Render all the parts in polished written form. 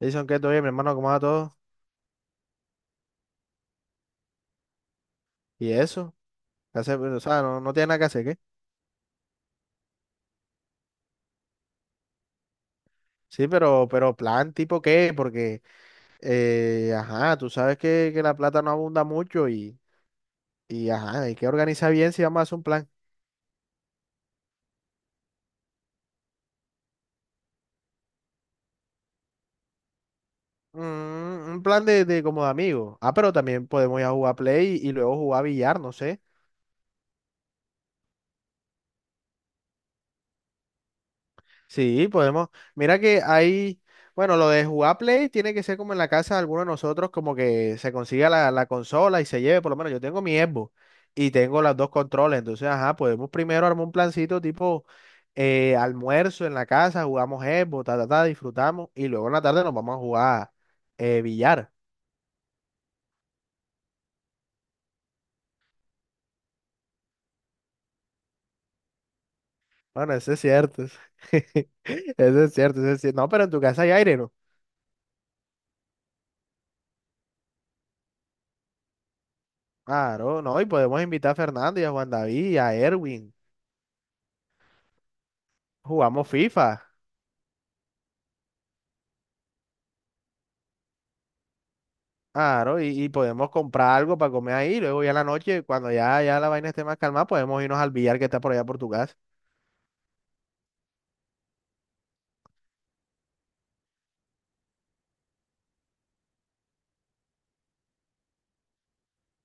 Dicen que todo bien, mi hermano, ¿cómo va todo? Y eso, ¿qué hace? O sea, no, no tiene nada que hacer, ¿qué? Sí, pero plan tipo qué, porque, ajá, tú sabes que la plata no abunda mucho y, ajá, hay que organizar bien si vamos a hacer un plan. Mm, un plan de como de amigos. Ah, pero también podemos ir a jugar Play y luego jugar billar, no sé. Sí, podemos. Mira que hay, bueno, lo de jugar Play tiene que ser como en la casa de alguno de nosotros, como que se consiga la consola y se lleve, por lo menos yo tengo mi Xbox y tengo las dos controles, entonces, ajá, podemos primero armar un plancito tipo almuerzo en la casa, jugamos Xbox, ta, ta, ta, disfrutamos y luego en la tarde nos vamos a jugar billar. Bueno, eso es cierto, eso eso es cierto, eso es cierto. No, pero en tu casa hay aire, ¿no? Claro, no, y podemos invitar a Fernando y a Juan David y a Erwin. Jugamos FIFA. Claro, y podemos comprar algo para comer ahí. Luego ya en la noche, cuando ya, ya la vaina esté más calmada, podemos irnos al billar que está por allá por tu casa.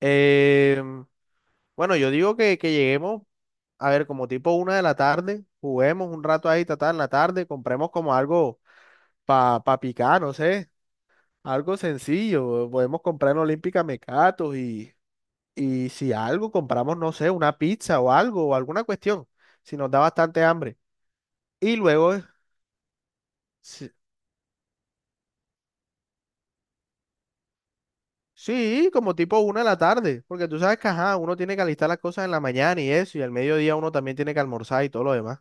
Em, bueno, yo digo que lleguemos, a ver, como tipo una de la tarde, juguemos un rato ahí, tratar en la tarde, compremos como algo para pa pa picar, no sé, algo sencillo. Podemos comprar en Olímpica mecatos y si algo, compramos, no sé, una pizza o algo, o alguna cuestión, si nos da bastante hambre. Y luego... si- Sí, como tipo una de la tarde, porque tú sabes que ajá, uno tiene que alistar las cosas en la mañana y eso, y al mediodía uno también tiene que almorzar y todo lo demás.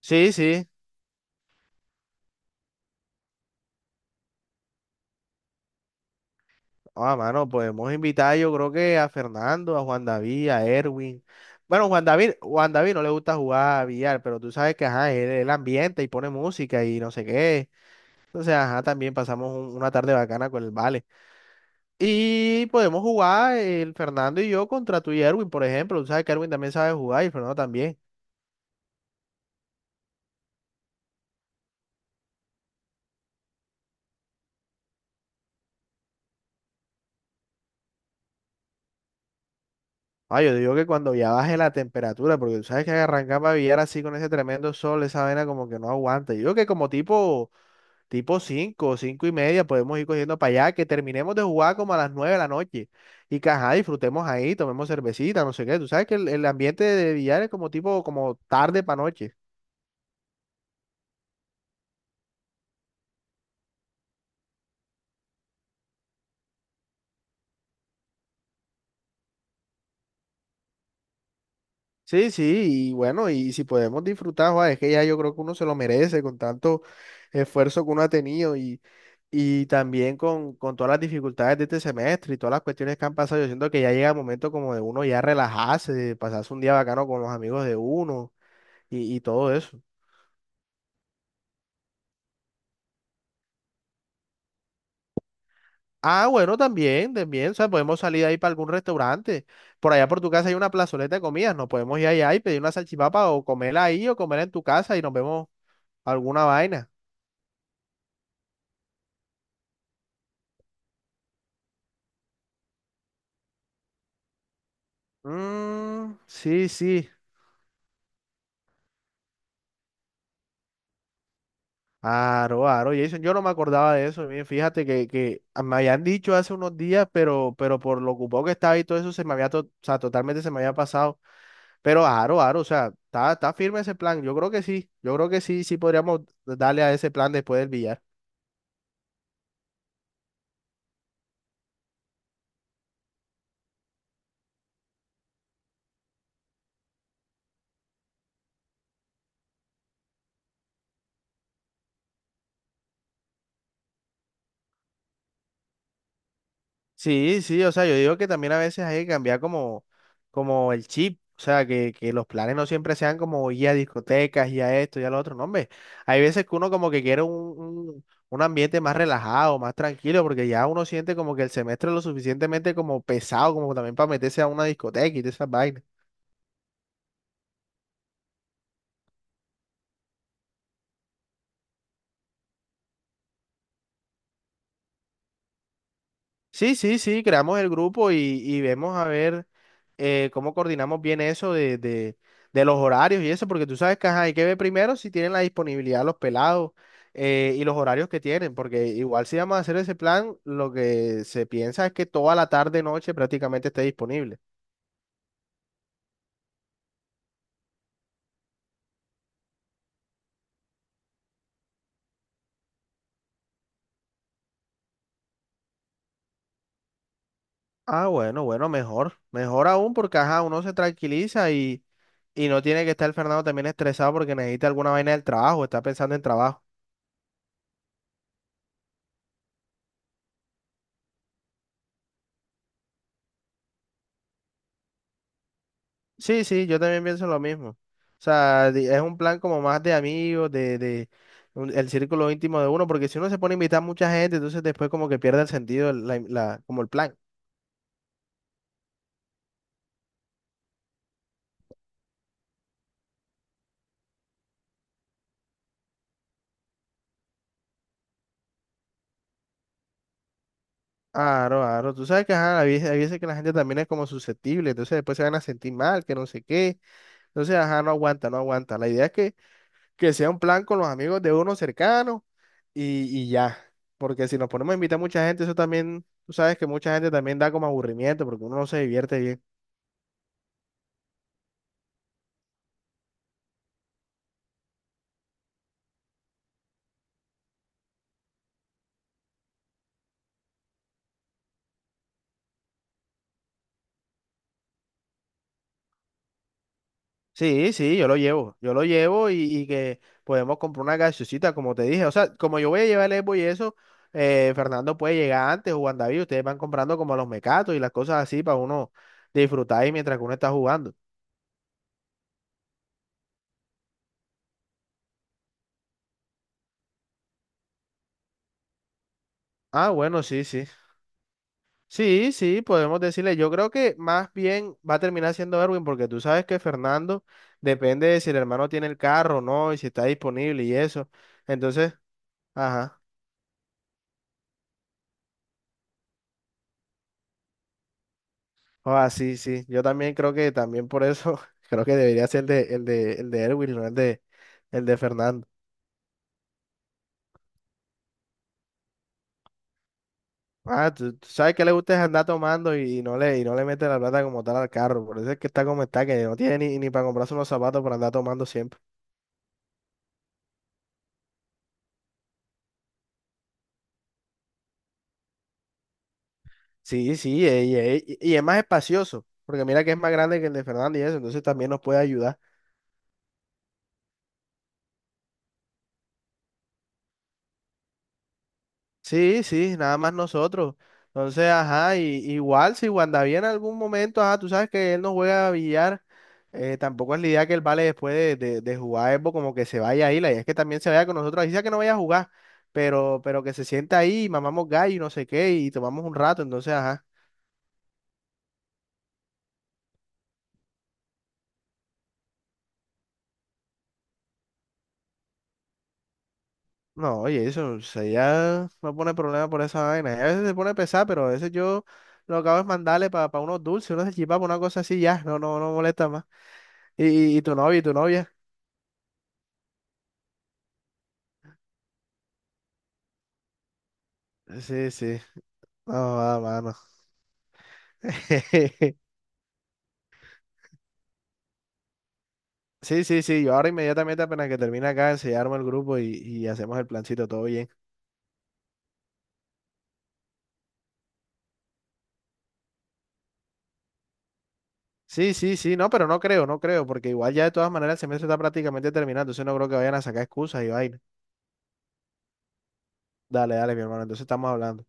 Sí, sí. Ah, mano, podemos invitar yo creo que a Fernando, a Juan David, a Erwin. Bueno, Juan David no le gusta jugar a billar, pero tú sabes que ajá, él ambienta y pone música y no sé qué. Entonces, ajá, también pasamos una tarde bacana con el Vale. Y podemos jugar el Fernando y yo contra tú y Erwin, por ejemplo. Tú sabes que Erwin también sabe jugar y Fernando también. Ah, yo digo que cuando ya baje la temperatura, porque tú sabes que arrancaba a Villar así con ese tremendo sol, esa vaina como que no aguanta. Yo digo que como tipo 5, cinco y media podemos ir cogiendo para allá, que terminemos de jugar como a las 9 de la noche. Y que ajá, disfrutemos ahí, tomemos cervecita, no sé qué. Tú sabes que el ambiente de Villar es como tipo, como tarde para noche. Sí, sí, y bueno, y si podemos disfrutar, joa, es que ya yo creo que uno se lo merece con tanto esfuerzo que uno ha tenido. Y también con todas las dificultades de este semestre y todas las cuestiones que han pasado, yo siento que ya llega el momento como de uno ya relajarse, de pasarse un día bacano con los amigos de uno y todo eso. Ah, bueno, también, también, o sea, podemos salir ahí para algún restaurante. Por allá por tu casa hay una plazoleta de comidas, nos podemos ir allá y pedir una salchipapa o comerla ahí o comerla en tu casa y nos vemos alguna vaina. Mm, sí, sí. Aro, aro, Jason, yo no me acordaba de eso. Miren, fíjate que me habían dicho hace unos días, pero por lo ocupado que estaba y todo eso, se me había, o sea, totalmente se me había pasado. Pero aro, aro, o sea, está, está firme ese plan. Yo creo que sí, yo creo que sí, sí podríamos darle a ese plan después del billar. Sí, sí, o sea, yo digo que también a veces hay que cambiar como, como el chip, o sea, que los planes no siempre sean como ir a discotecas, y a esto, y a lo otro, no, hombre, hay veces que uno como que quiere un ambiente más relajado, más tranquilo, porque ya uno siente como que el semestre es lo suficientemente como pesado, como también para meterse a una discoteca y de esas vainas. Sí, sí, sí, creamos el grupo y vemos a ver. Cómo coordinamos bien eso de de los horarios y eso, porque tú sabes que ajá, hay que ver primero si tienen la disponibilidad los pelados, y los horarios que tienen, porque igual si vamos a hacer ese plan, lo que se piensa es que toda la tarde, noche prácticamente esté disponible. Ah, bueno, bueno, mejor, mejor aún porque ajá, uno se tranquiliza y no tiene que estar Fernando también estresado porque necesita alguna vaina del trabajo, está pensando en trabajo. Sí, sí, yo también pienso lo mismo. O sea, es un plan como más de amigos, de el círculo íntimo de uno, porque si uno se pone a invitar a mucha gente, entonces después como que pierde el sentido, como el plan. Claro, claro. Tú sabes que ajá, hay veces que la gente también es como susceptible, entonces después se van a sentir mal, que no sé qué. Entonces, ajá, no aguanta. La idea es que sea un plan con los amigos de uno cercano y ya. Porque si nos ponemos a invitar a mucha gente, eso también, tú sabes que mucha gente también da como aburrimiento, porque uno no se divierte bien. Sí, sí, yo lo llevo y que podemos comprar una gaseosita, como te dije. O sea, como yo voy a llevar el Evo y eso, Fernando puede llegar antes o Juan David, ustedes van comprando como los mecatos y las cosas así para uno disfrutar ahí mientras que uno está jugando. Ah, bueno, sí, sí. Sí, sí, podemos decirle. Yo creo que más bien va a terminar siendo Erwin, porque tú sabes que Fernando depende de si el hermano tiene el carro o no y si está disponible y eso. Entonces, ajá. Ah, sí, sí. Yo también creo que también por eso creo que debería ser el de Erwin, no el de Fernando. Ah, tú sabes que le gusta es andar tomando y, no le mete la plata como tal al carro. Por eso es que está como está, que no tiene ni para comprarse unos zapatos para andar tomando siempre. Sí, sí, y es más espacioso, porque mira que es más grande que el de Fernando y eso, entonces también nos puede ayudar. Sí, sí, nada más nosotros. Entonces, ajá, y, igual si Wandavia en algún momento, ajá, tú sabes que él no juega a billar, tampoco es la idea que él vale después de jugar Evo, como que se vaya ahí, la idea es que también se vaya con nosotros, así sea que no vaya a jugar, pero que se sienta ahí, y mamamos gallo y no sé qué, y tomamos un rato, entonces, ajá. No, oye, eso, o sea, ya no pone problema por esa vaina. A veces se pone pesado, pero a veces yo lo que hago es mandarle para unos dulces, unos salchipapas, una cosa así, ya, no, no, no molesta más. Y tu novio, y tu novia. Sí, sí. No, va, mano. Sí, sí, sí. Yo ahora inmediatamente apenas que termine acá, enseñarme el grupo y hacemos el plancito, todo bien. Sí, sí, sí. No, pero no creo, no creo, porque igual ya de todas maneras el semestre está prácticamente terminado, entonces no creo que vayan a sacar excusas y vaina. Dale, dale, mi hermano. Entonces estamos hablando.